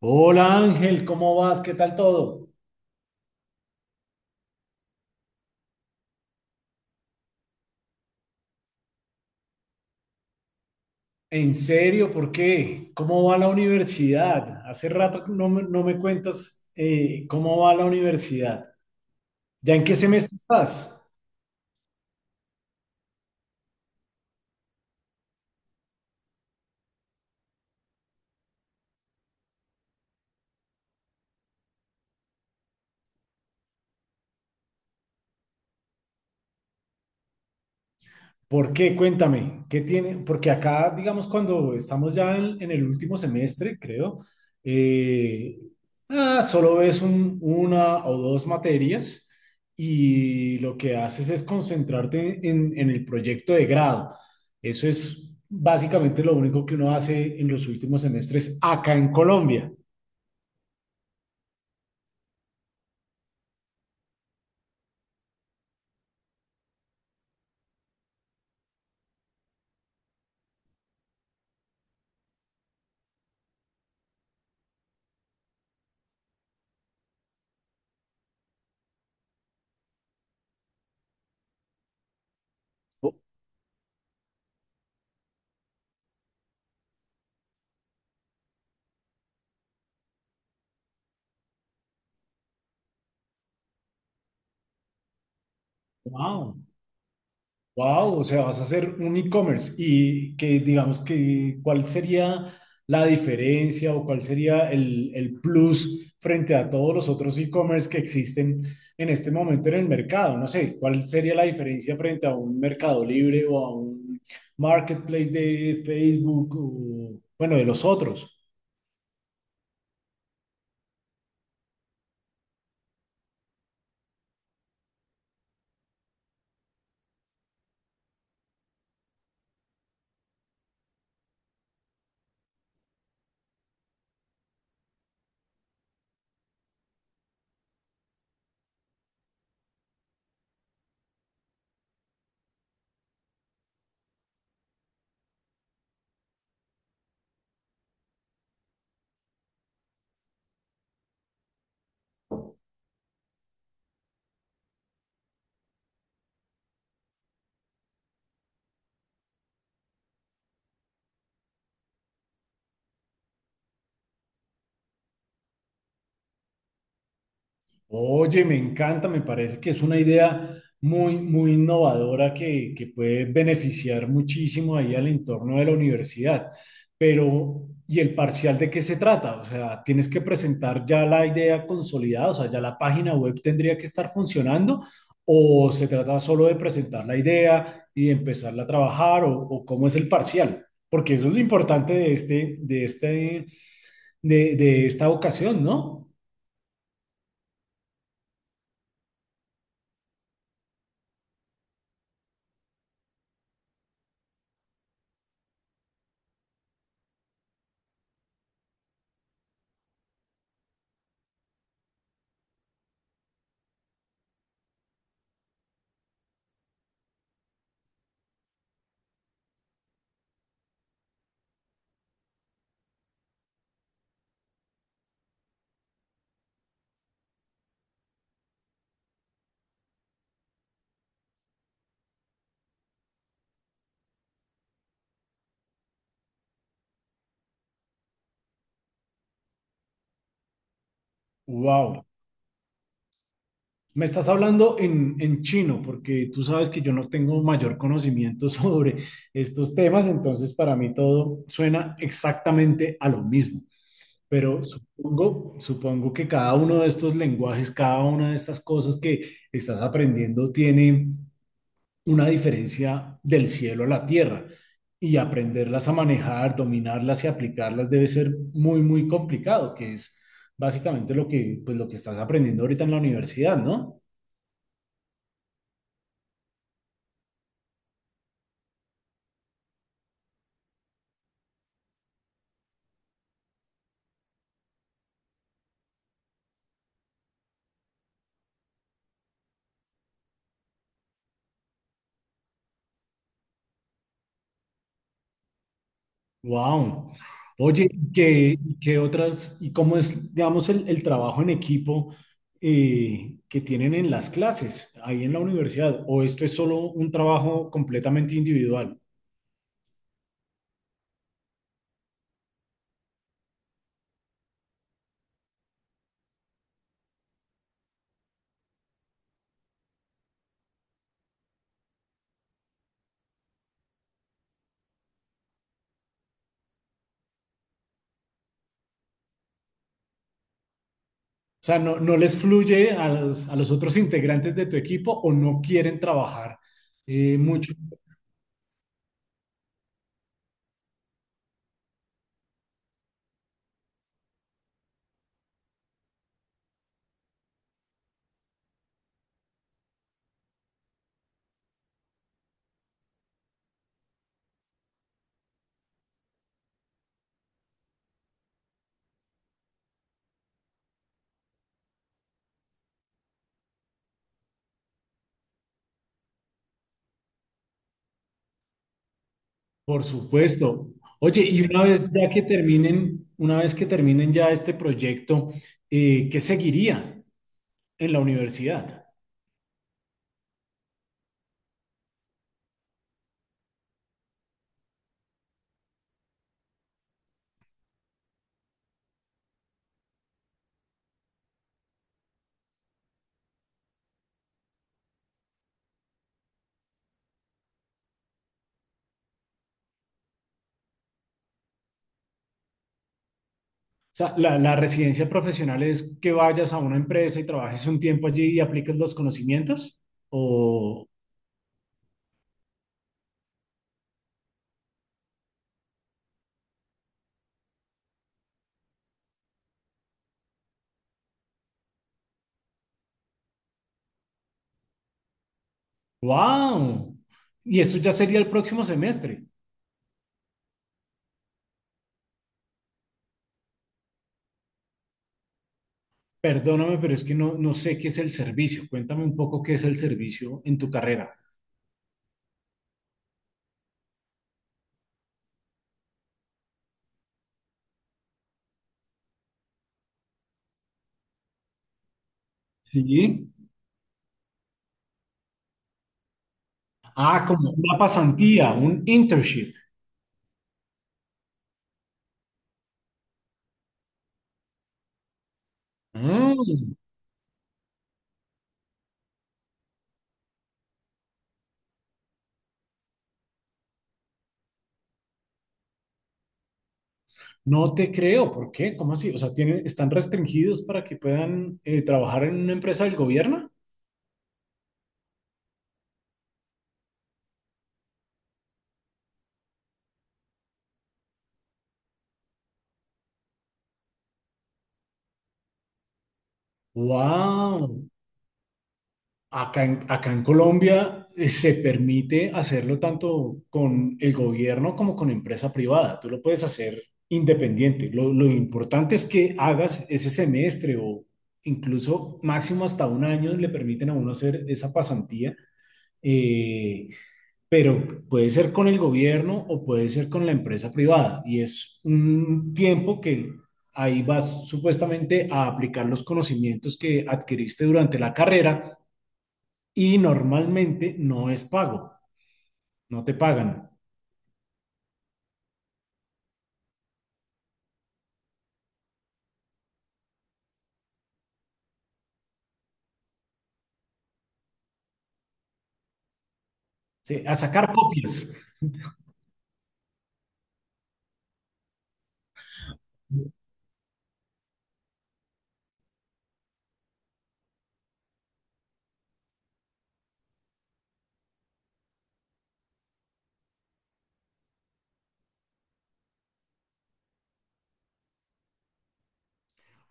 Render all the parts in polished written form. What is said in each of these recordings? Hola Ángel, ¿cómo vas? ¿Qué tal todo? ¿En serio? ¿Por qué? ¿Cómo va la universidad? Hace rato que no me cuentas, cómo va la universidad. ¿Ya en qué semestre estás? ¿Por qué? Cuéntame, ¿qué tiene? Porque acá, digamos, cuando estamos ya en el último semestre, creo, eh, solo ves una o dos materias y lo que haces es concentrarte en el proyecto de grado. Eso es básicamente lo único que uno hace en los últimos semestres acá en Colombia. Wow. Wow, o sea, vas a hacer un e-commerce. ¿Y, que digamos, que cuál sería la diferencia o cuál sería el plus frente a todos los otros e-commerce que existen en este momento en el mercado? No sé, cuál sería la diferencia frente a un Mercado Libre o a un marketplace de Facebook o, bueno, de los otros. Oye, me encanta, me parece que es una idea muy innovadora que puede beneficiar muchísimo ahí al entorno de la universidad. Pero ¿y el parcial de qué se trata? O sea, ¿tienes que presentar ya la idea consolidada? O sea, ¿ya la página web tendría que estar funcionando, o se trata solo de presentar la idea y de empezarla a trabajar? O, o ¿cómo es el parcial? Porque eso es lo importante de esta ocasión, ¿no? Wow. Me estás hablando en chino, porque tú sabes que yo no tengo mayor conocimiento sobre estos temas, entonces para mí todo suena exactamente a lo mismo. Pero supongo que cada uno de estos lenguajes, cada una de estas cosas que estás aprendiendo tiene una diferencia del cielo a la tierra. Y aprenderlas a manejar, dominarlas y aplicarlas debe ser muy complicado, que es básicamente lo que, pues, lo que estás aprendiendo ahorita en la universidad, ¿no? Wow. Oye, ¿y y qué otras, y cómo es, digamos, el trabajo en equipo, que tienen en las clases, ahí en la universidad? ¿O esto es solo un trabajo completamente individual? O sea, ¿no les fluye a los otros integrantes de tu equipo o no quieren trabajar, mucho? Por supuesto. Oye, y una vez ya que terminen, una vez que terminen ya este proyecto, ¿qué seguiría en la universidad? O sea, la residencia profesional es que vayas a una empresa y trabajes un tiempo allí y apliques los conocimientos. O, wow. Y eso ya sería el próximo semestre. Perdóname, pero es que no sé qué es el servicio. Cuéntame un poco qué es el servicio en tu carrera. Sí. Ah, como una pasantía, un internship. Ah, no te creo. ¿Por qué? ¿Cómo así? O sea, tienen, están restringidos para que puedan, trabajar en una empresa del gobierno. Wow. Acá en, acá en Colombia, se permite hacerlo tanto con el gobierno como con empresa privada. Tú lo puedes hacer independiente. Lo importante es que hagas ese semestre o incluso máximo hasta un año le permiten a uno hacer esa pasantía. eh, pero puede ser con el gobierno o puede ser con la empresa privada. Y es un tiempo que ahí vas supuestamente a aplicar los conocimientos que adquiriste durante la carrera y normalmente no es pago, no te pagan. Sí, a sacar copias.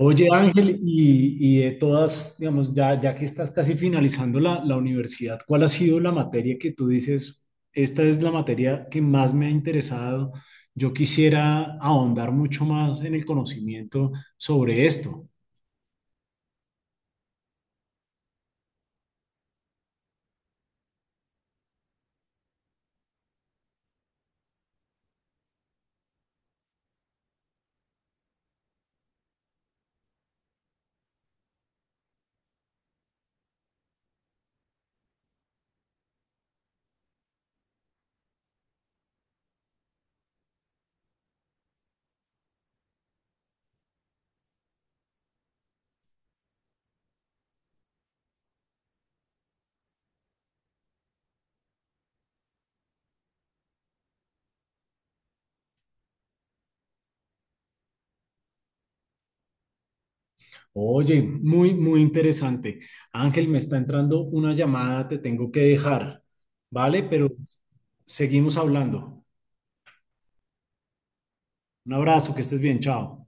Oye, Ángel, y de todas, digamos, ya, ya que estás casi finalizando la universidad, ¿cuál ha sido la materia que tú dices, esta es la materia que más me ha interesado? Yo quisiera ahondar mucho más en el conocimiento sobre esto. Oye, muy interesante. Ángel, me está entrando una llamada, te tengo que dejar, ¿vale? Pero seguimos hablando. Un abrazo, que estés bien, chao.